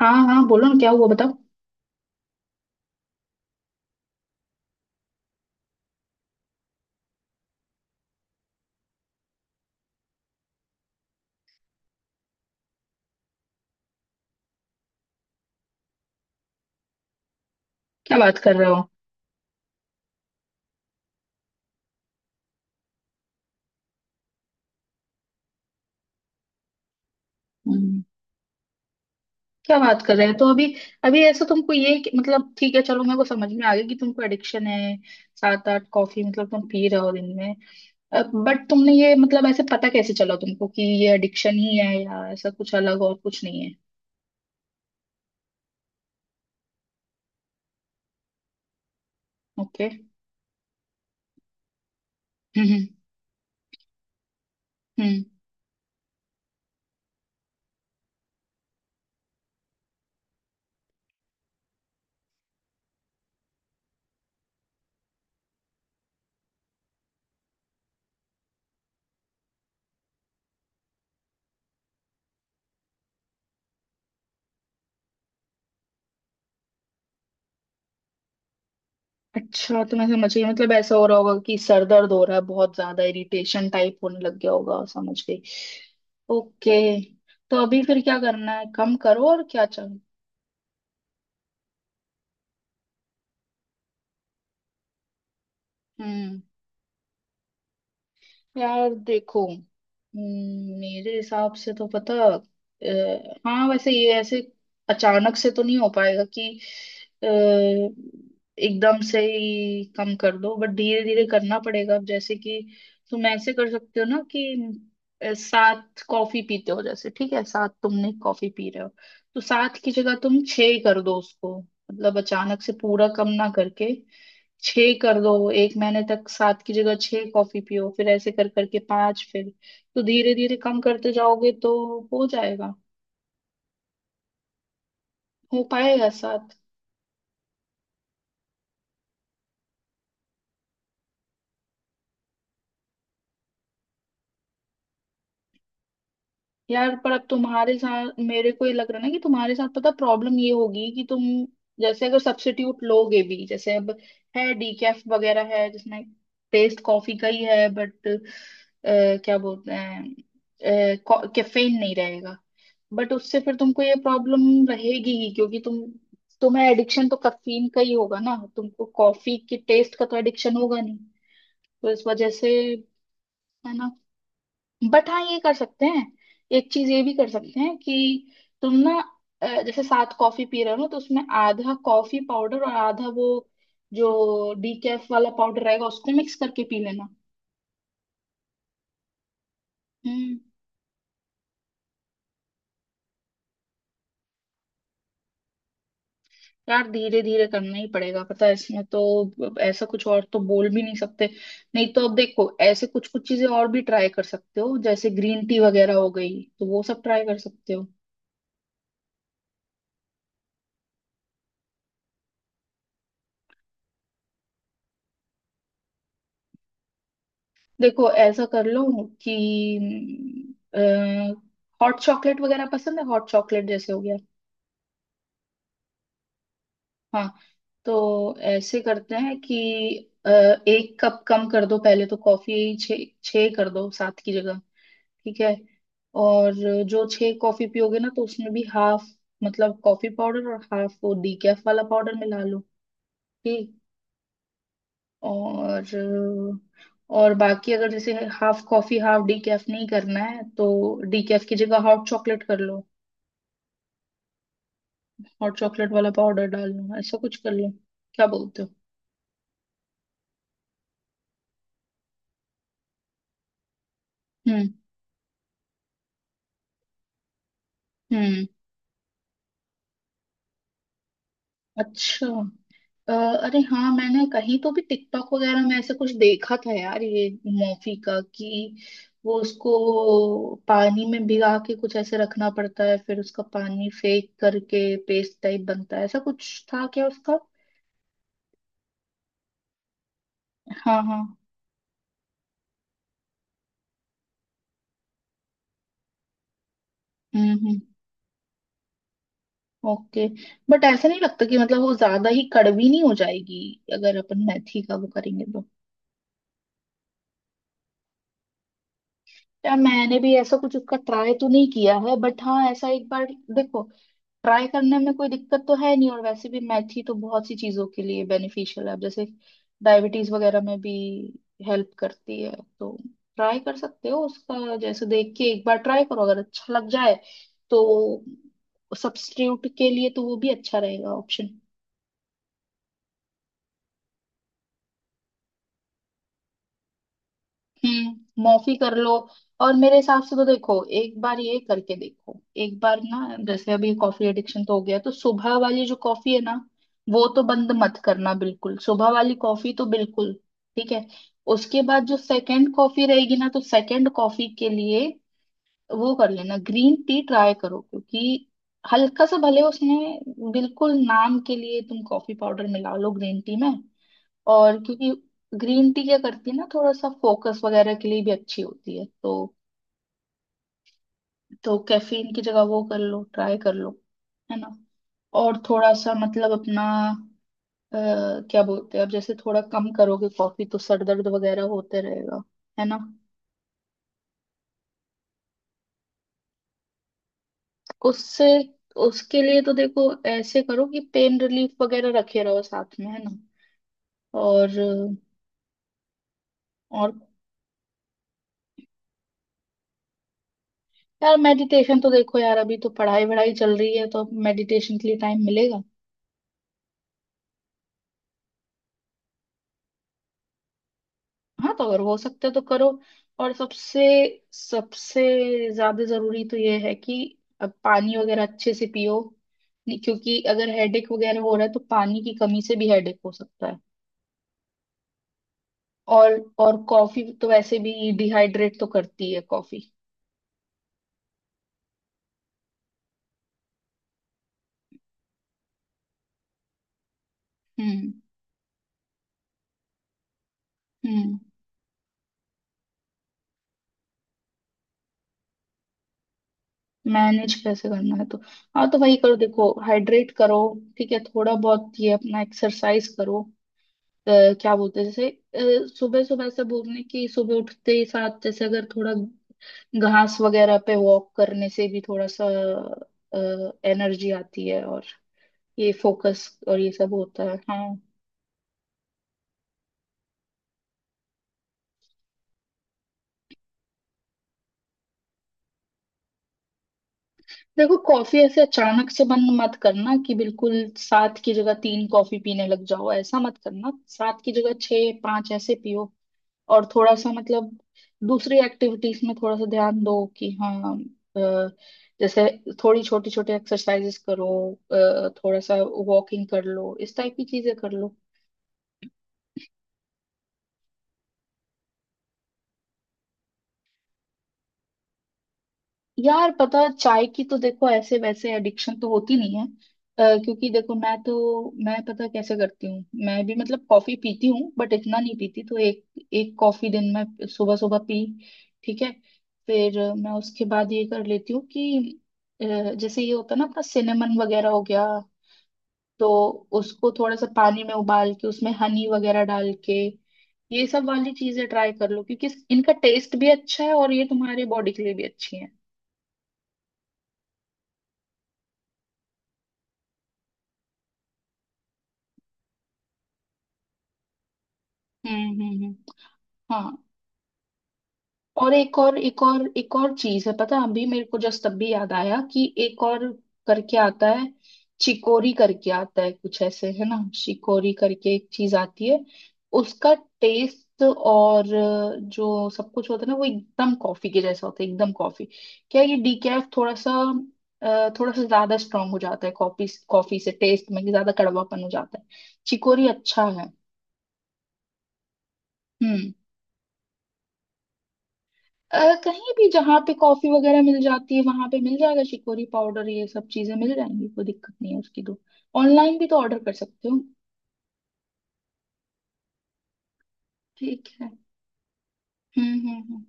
हाँ हाँ, बोलो ना। क्या हुआ बताओ। क्या बात कर रहे हो। हम्म, क्या बात कर रहे हैं। तो अभी अभी ऐसा तुमको मतलब ठीक है, चलो मेरे को समझ में आ गया कि तुमको एडिक्शन है। सात आठ कॉफी मतलब तुम पी रहे हो दिन में। बट तुमने ये मतलब ऐसे पता कैसे चला तुमको कि ये एडिक्शन ही है या ऐसा कुछ अलग और कुछ नहीं है। ओके। हम्म हम्म हम्म। अच्छा, तुम्हें समझ गई, मतलब ऐसा हो रहा होगा कि सर दर्द हो रहा है, बहुत ज्यादा इरिटेशन टाइप होने लग गया होगा। समझ गई। ओके। तो अभी फिर क्या करना है? कम करो, और क्या चाहिए? हम्म। यार देखो, मेरे हिसाब से तो पता हाँ वैसे ये ऐसे अचानक से तो नहीं हो पाएगा कि अ, एकदम से ही कम कर दो, बट धीरे धीरे करना पड़ेगा। अब जैसे कि तुम ऐसे कर सकते हो ना कि सात कॉफी पीते हो जैसे, ठीक है, सात तुमने कॉफी पी रहे हो, तो सात की जगह तुम छह ही कर दो उसको, मतलब अचानक से पूरा कम ना करके छह कर दो। एक महीने तक सात की जगह छह कॉफी पियो, फिर ऐसे कर करके पांच, फिर तो धीरे धीरे कम करते जाओगे तो हो जाएगा। हो पाएगा? सात, यार पर अब तुम्हारे साथ मेरे को ये लग रहा है ना कि तुम्हारे साथ पता प्रॉब्लम ये होगी कि तुम जैसे अगर सब्स्टिट्यूट लोगे भी, जैसे अब है डीकैफ वगैरह, है जिसमें टेस्ट कॉफी का ही है बट क्या बोलते हैं, कैफीन नहीं रहेगा, बट उससे फिर तुमको ये प्रॉब्लम रहेगी ही, क्योंकि तुम तुम्हें एडिक्शन तो कैफीन का ही होगा ना, तुमको कॉफी के टेस्ट का तो एडिक्शन होगा नहीं, तो इस वजह से है। बट हाँ, ये कर सकते हैं। एक चीज ये भी कर सकते हैं कि तुम ना जैसे सात कॉफी पी रहे हो ना तो उसमें आधा कॉफी पाउडर और आधा वो जो डीकैफ वाला पाउडर रहेगा उसको मिक्स करके पी लेना। हम्म। यार धीरे धीरे करना ही पड़ेगा, पता है इसमें तो, अब ऐसा कुछ और तो बोल भी नहीं सकते। नहीं तो अब देखो ऐसे कुछ कुछ चीजें और भी ट्राई कर सकते हो, जैसे ग्रीन टी वगैरह हो गई तो वो सब ट्राई कर सकते हो। देखो ऐसा कर लो कि हॉट चॉकलेट वगैरह पसंद है, हॉट चॉकलेट जैसे हो गया। हाँ, तो ऐसे करते हैं कि अ, एक कप कम कर दो, पहले तो कॉफी छः छः कर दो सात की जगह, ठीक है? और जो छः कॉफी पियोगे ना तो उसमें भी हाफ मतलब कॉफी पाउडर और हाफ वो डीकैफ वाला पाउडर मिला लो, ठीक? और और बाकी अगर जैसे हाफ कॉफी हाफ डीकैफ नहीं करना है तो डीकैफ की जगह हॉट चॉकलेट कर लो, हॉट चॉकलेट वाला पाउडर डाल लो, ऐसा कुछ कर लो। क्या बोलते हो? हम्म हम्म। अच्छा। अरे हाँ, मैंने कहीं तो भी टिकटॉक वगैरह में ऐसा कुछ देखा था यार, ये मोफी का कि वो उसको पानी में भिगा के कुछ ऐसे रखना पड़ता है, फिर उसका पानी फेंक करके पेस्ट टाइप बनता है। ऐसा कुछ था क्या उसका? हाँ हाँ। हम्म। ओके। बट ऐसा नहीं लगता कि मतलब वो ज्यादा ही कड़वी नहीं हो जाएगी अगर अपन मेथी का वो करेंगे तो? यार मैंने भी ऐसा कुछ उसका ट्राई तो नहीं किया है, बट हाँ ऐसा एक बार, देखो ट्राई करने में कोई दिक्कत तो है नहीं, और वैसे भी मेथी तो बहुत सी चीजों के लिए बेनिफिशियल है, अब जैसे डायबिटीज वगैरह में भी हेल्प करती है। तो ट्राई कर सकते हो उसका, जैसे देख के एक बार ट्राई करो, अगर अच्छा लग जाए तो सब्स्टिट्यूट के लिए तो वो भी अच्छा रहेगा ऑप्शन। हम्म। मॉफी कर लो। और मेरे हिसाब से तो देखो एक बार ये करके देखो, एक बार ना, जैसे अभी कॉफी एडिक्शन तो हो गया तो सुबह वाली जो कॉफी है ना वो तो बंद मत करना बिल्कुल, सुबह वाली कॉफी तो बिल्कुल, ठीक है? उसके बाद जो सेकंड कॉफी रहेगी ना तो सेकंड कॉफी के लिए वो कर लेना, ग्रीन टी ट्राई करो, क्योंकि हल्का सा भले उसमें बिल्कुल नाम के लिए तुम कॉफी पाउडर मिला लो ग्रीन टी में, और क्योंकि ग्रीन टी क्या करती है ना, थोड़ा सा फोकस वगैरह के लिए भी अच्छी होती है, तो कैफीन की जगह वो कर लो, ट्राई कर लो। है ना? और थोड़ा सा मतलब अपना अ, क्या बोलते हैं, अब जैसे थोड़ा कम करोगे कॉफी तो सर दर्द वगैरह होते रहेगा, है ना? उससे उसके लिए तो देखो ऐसे करो कि पेन रिलीफ वगैरह रखे रहो साथ में, है ना? और और यार मेडिटेशन तो देखो यार, अभी तो पढ़ाई वढ़ाई चल रही है तो मेडिटेशन के लिए टाइम मिलेगा? हाँ, तो अगर हो सकता है तो करो। और सबसे सबसे ज्यादा जरूरी तो ये है कि अब पानी वगैरह अच्छे से पियो, क्योंकि अगर हेडेक वगैरह हो रहा है तो पानी की कमी से भी हेडेक हो सकता है। और और कॉफी तो वैसे भी डिहाइड्रेट तो करती है कॉफी। हम्म हम्म। मैनेज कैसे करना है तो? हाँ, तो वही करो, देखो हाइड्रेट करो, ठीक है? थोड़ा बहुत ये अपना एक्सरसाइज करो। अ, क्या बोलते हैं, जैसे सुबह सुबह ऐसा बोलने की, सुबह उठते ही साथ जैसे अगर थोड़ा घास वगैरह पे वॉक करने से भी थोड़ा सा एनर्जी आती है और ये फोकस और ये सब होता है। हाँ। देखो कॉफी ऐसे अचानक से बंद मत करना कि बिल्कुल सात की जगह तीन कॉफी पीने लग जाओ, ऐसा मत करना। सात की जगह छः, पांच ऐसे पियो, और थोड़ा सा मतलब दूसरी एक्टिविटीज में थोड़ा सा ध्यान दो, कि हाँ अ, जैसे थोड़ी छोटी छोटी एक्सरसाइजेस करो, थोड़ा सा वॉकिंग कर लो, इस टाइप की चीजें कर लो। यार पता है, चाय की तो देखो ऐसे वैसे एडिक्शन तो होती नहीं है, क्योंकि देखो, मैं तो मैं पता कैसे करती हूँ, मैं भी मतलब कॉफी पीती हूँ बट इतना नहीं पीती, तो एक एक कॉफी दिन में सुबह सुबह पी, ठीक है? फिर मैं उसके बाद ये कर लेती हूँ कि अ, जैसे ये होता है ना अपना सिनेमन वगैरह हो गया, तो उसको थोड़ा सा पानी में उबाल के उसमें हनी वगैरह डाल के ये सब वाली चीजें ट्राई कर लो, क्योंकि इनका टेस्ट भी अच्छा है और ये तुम्हारे बॉडी के लिए भी अच्छी है। हम्म हम्म। हाँ। और एक और चीज है, पता है, अभी मेरे को जस्ट तब भी याद आया कि एक और करके आता है, चिकोरी करके आता है कुछ ऐसे, है ना, शिकोरी करके एक चीज आती है। उसका टेस्ट और जो सब कुछ होता है ना वो एकदम कॉफी के जैसा होता है, एकदम कॉफी। क्या है, ये डीकैफ थोड़ा सा, थोड़ा सा ज्यादा स्ट्रांग हो जाता है कॉफी कॉफी से टेस्ट में, कि ज्यादा कड़वापन हो जाता है। चिकोरी अच्छा है। हम्म। अ, कहीं भी जहाँ पे कॉफी वगैरह मिल जाती है वहां पे मिल जाएगा शिकोरी पाउडर, ये सब चीजें मिल जाएंगी, कोई दिक्कत नहीं है उसकी तो। ऑनलाइन भी तो ऑर्डर कर सकते हो। ठीक है। हम्म हम्म हम्म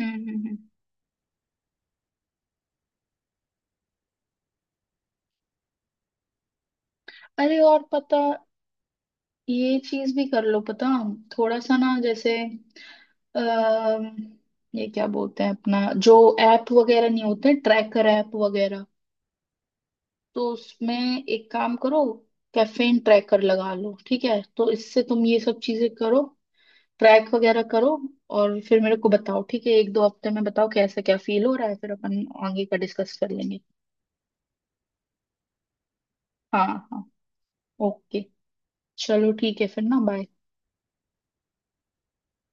हम्म हम्म हम्म। अरे और पता ये चीज भी कर लो पता, थोड़ा सा ना जैसे, अः ये क्या बोलते हैं अपना, जो ऐप वगैरह नहीं होते, ट्रैकर ऐप वगैरह, तो उसमें एक काम करो, कैफीन ट्रैकर लगा लो, ठीक है? तो इससे तुम ये सब चीजें करो, ट्रैक वगैरह करो, और फिर मेरे को बताओ, ठीक है, एक दो हफ्ते में बताओ कैसा क्या फील हो रहा है, फिर अपन आगे का डिस्कस कर लेंगे। हाँ हाँ, ओके। चलो ठीक है फिर ना, बाय।